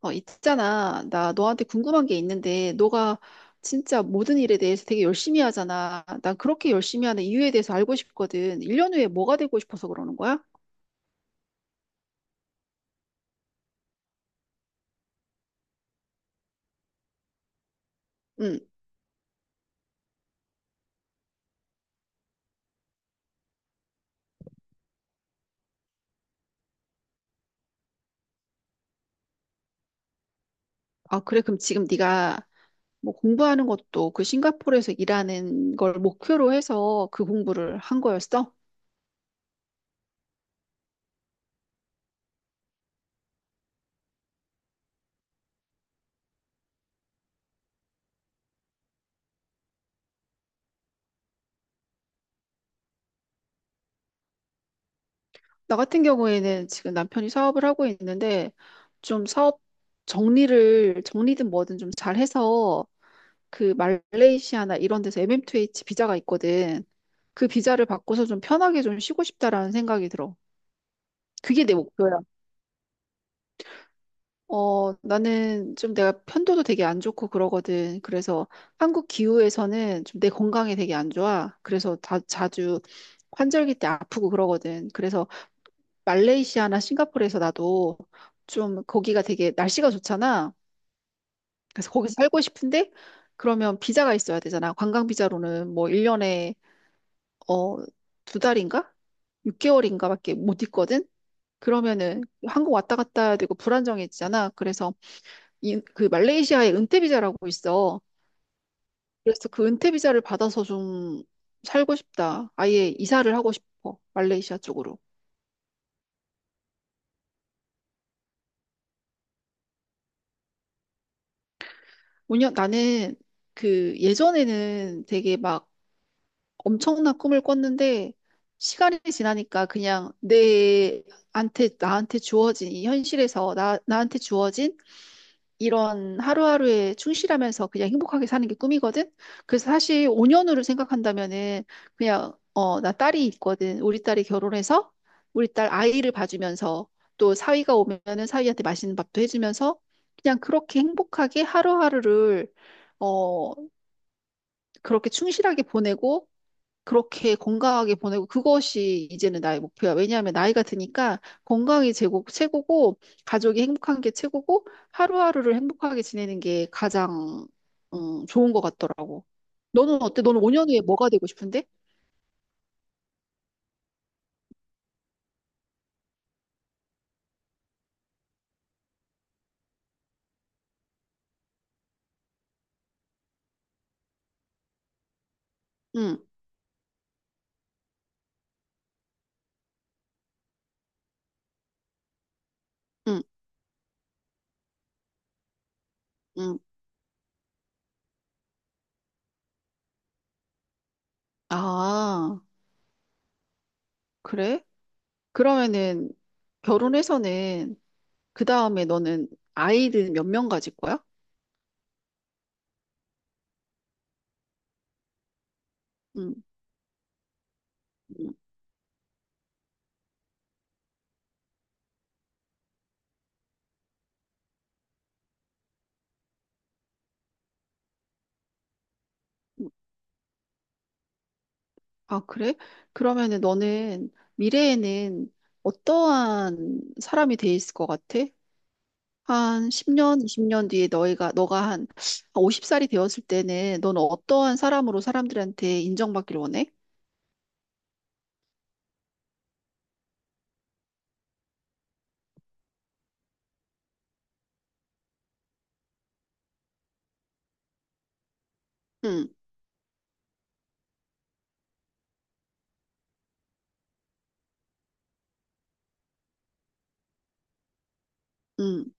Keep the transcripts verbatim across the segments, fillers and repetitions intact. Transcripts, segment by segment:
어, 있잖아. 나 너한테 궁금한 게 있는데, 너가 진짜 모든 일에 대해서 되게 열심히 하잖아. 난 그렇게 열심히 하는 이유에 대해서 알고 싶거든. 일 년 후에 뭐가 되고 싶어서 그러는 거야? 응. 아, 그래. 그럼 지금 네가 뭐 공부하는 것도 그 싱가포르에서 일하는 걸 목표로 해서 그 공부를 한 거였어? 나 같은 경우에는 지금 남편이 사업을 하고 있는데, 좀 사업 정리를, 정리든 뭐든 좀 잘해서 그 말레이시아나 이런 데서 엠엠투에이치 비자가 있거든. 그 비자를 받고서 좀 편하게 좀 쉬고 싶다라는 생각이 들어. 그게 내 목표야. 어, 나는 좀 내가 편도도 되게 안 좋고 그러거든. 그래서 한국 기후에서는 좀 내 건강에 되게 안 좋아. 그래서 다 자주 환절기 때 아프고 그러거든. 그래서 말레이시아나 싱가포르에서 나도 좀 거기가 되게 날씨가 좋잖아. 그래서 거기서 살고 싶은데 그러면 비자가 있어야 되잖아. 관광 비자로는 뭐 일 년에 어, 두 달인가? 육 개월인가밖에 못 있거든? 그러면은 한국 왔다 갔다 해야 되고 불안정해지잖아. 그래서 이, 그 말레이시아에 은퇴 비자라고 있어. 그래서 그 은퇴 비자를 받아서 좀 살고 싶다. 아예 이사를 하고 싶어. 말레이시아 쪽으로. 왜냐, 나는 그 예전에는 되게 막 엄청난 꿈을 꿨는데 시간이 지나니까 그냥 내한테 나한테 주어진 이 현실에서 나 나한테 주어진 이런 하루하루에 충실하면서 그냥 행복하게 사는 게 꿈이거든. 그래서 사실 오 년 후를 생각한다면은 그냥 어, 나 딸이 있거든. 우리 딸이 결혼해서 우리 딸 아이를 봐주면서 또 사위가 오면은 사위한테 맛있는 밥도 해주면서 그냥 그렇게 행복하게 하루하루를 어, 그렇게 충실하게 보내고 그렇게 건강하게 보내고 그것이 이제는 나의 목표야. 왜냐하면 나이가 드니까 건강이 제고, 최고고 가족이 행복한 게 최고고 하루하루를 행복하게 지내는 게 가장 음, 좋은 것 같더라고. 너는 어때? 너는 오 년 후에 뭐가 되고 싶은데? 응, 응, 응. 아, 그래? 그러면은 결혼해서는 그 다음에 너는 아이를 몇 명 가질 거야? 응, 응. 응. 아, 그래? 그러면은 너는 미래에는 어떠한 사람이 돼 있을 것 같아? 한 십 년, 이십 년 뒤에 너희가, 너가 한 쉰 살이 되었을 때는 너는 어떠한 사람으로 사람들한테 인정받기를 원해? 응, 응,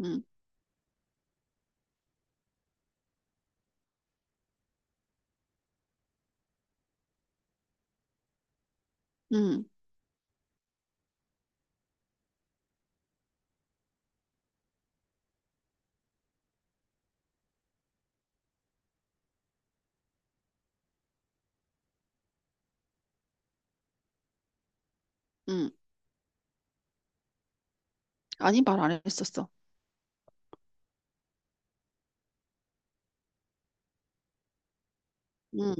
응, 응, 응. 아니, 말 안 했었어. 응.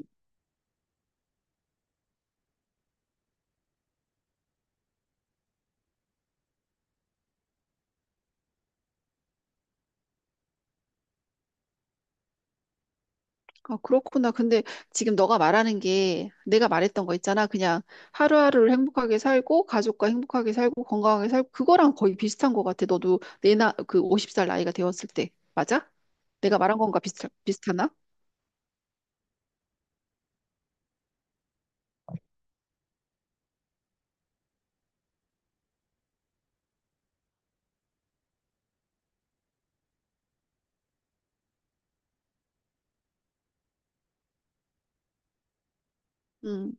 아, 그렇구나. 근데 지금 너가 말하는 게 내가 말했던 거 있잖아. 그냥 하루하루를 행복하게 살고, 가족과 행복하게 살고, 건강하게 살고, 그거랑 거의 비슷한 것 같아. 너도 내 나, 그 쉰 살 나이가 되었을 때. 맞아? 내가 말한 건가 비슷, 비슷하나? 음,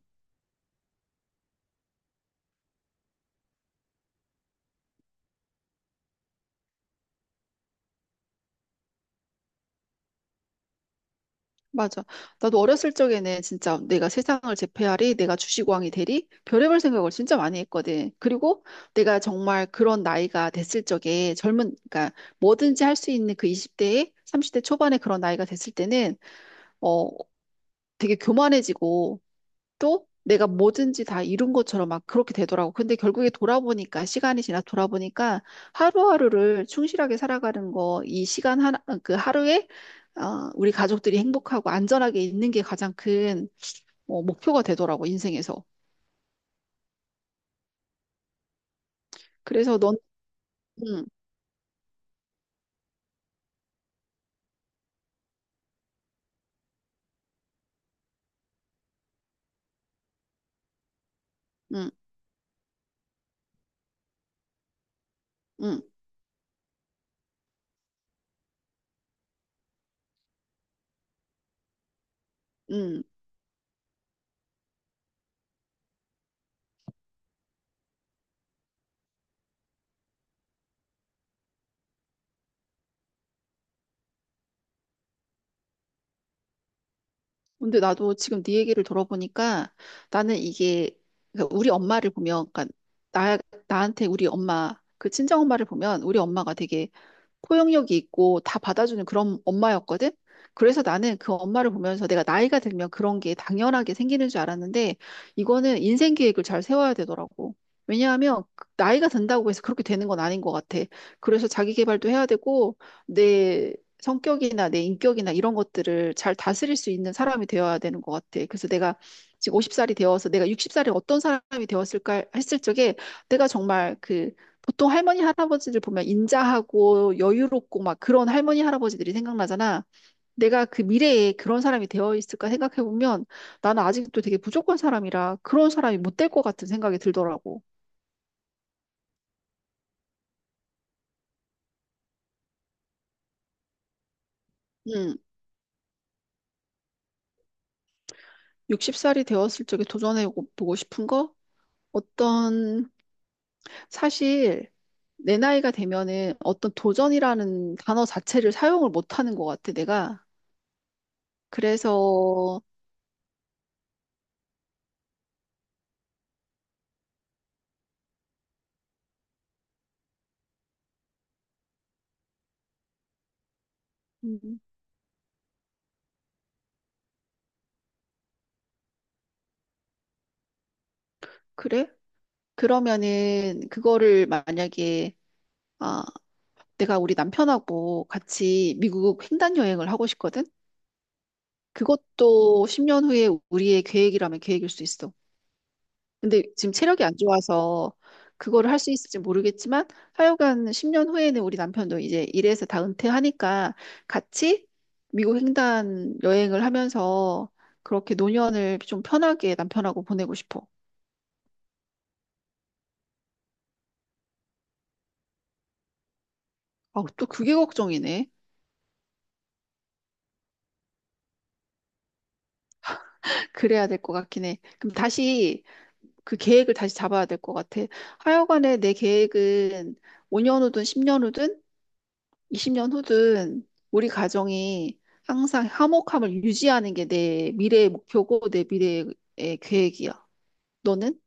맞아. 나도 어렸을 적에는 진짜 내가 세상을 제패하리, 내가 주식왕이 되리, 별의별 생각을 진짜 많이 했거든. 그리고 내가 정말 그런 나이가 됐을 적에 젊은, 그러니까 뭐든지 할 수 있는 그 이십 대에 삼십 대 초반에 그런 나이가 됐을 때는 어, 되게 교만해지고 또 내가 뭐든지 다 이룬 것처럼 막 그렇게 되더라고. 근데 결국에 돌아보니까 시간이 지나 돌아보니까 하루하루를 충실하게 살아가는 거, 이 시간 하나, 그 하루에 어, 우리 가족들이 행복하고 안전하게 있는 게 가장 큰 어, 목표가 되더라고, 인생에서. 그래서 넌, 응, 응, 응, 응. 근데 나도 지금 네 얘기를 들어보니까 나는 이게 그러니까 우리 엄마를 보면 그러니까 나 나한테 우리 엄마 그 친정 엄마를 보면 우리 엄마가 되게 포용력이 있고 다 받아주는 그런 엄마였거든. 그래서 나는 그 엄마를 보면서 내가 나이가 들면 그런 게 당연하게 생기는 줄 알았는데 이거는 인생 계획을 잘 세워야 되더라고. 왜냐하면 그 나이가 든다고 해서 그렇게 되는 건 아닌 것 같아. 그래서 자기 개발도 해야 되고 내 성격이나 내 인격이나 이런 것들을 잘 다스릴 수 있는 사람이 되어야 되는 것 같아. 그래서 내가 지금 쉰 살이 되어서 내가 예순 살에 어떤 사람이 되었을까 했을 적에 내가 정말 그 보통 할머니 할아버지들 보면 인자하고 여유롭고 막 그런 할머니 할아버지들이 생각나잖아. 내가 그 미래에 그런 사람이 되어 있을까 생각해 보면 나는 아직도 되게 부족한 사람이라 그런 사람이 못 될 것 같은 생각이 들더라고. 음, 예순 살이 되었을 적에 도전해 보고 싶은 거? 어떤 사실 내 나이가 되면은 어떤 도전이라는 단어 자체를 사용을 못 하는 것 같아, 내가. 그래서 음, 그래? 그러면은 그거를 만약에 아, 내가 우리 남편하고 같이 미국 횡단 여행을 하고 싶거든? 그것도 십 년 후에 우리의 계획이라면 계획일 수 있어. 근데 지금 체력이 안 좋아서 그거를 할 수 있을지 모르겠지만 하여간 십 년 후에는 우리 남편도 이제 일에서 다 은퇴하니까 같이 미국 횡단 여행을 하면서 그렇게 노년을 좀 편하게 남편하고 보내고 싶어. 아, 또 그게 걱정이네. 그래야 될 것 같긴 해. 그럼 다시 그 계획을 다시 잡아야 될 것 같아. 하여간에 내 계획은 오 년 후든 십 년 후든 이십 년 후든 우리 가정이 항상 화목함을 유지하는 게 내 미래의 목표고 내 미래의 계획이야. 너는?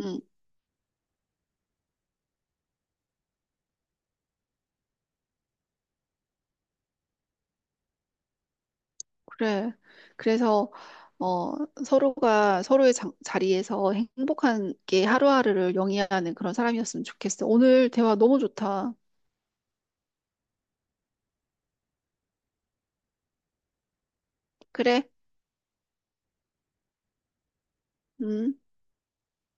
응, 그래. 그래서 어, 서로가 서로의 장- 자리에서 행복하게 하루하루를 영위하는 그런 사람이었으면 좋겠어. 오늘 대화 너무 좋다. 그래. 음.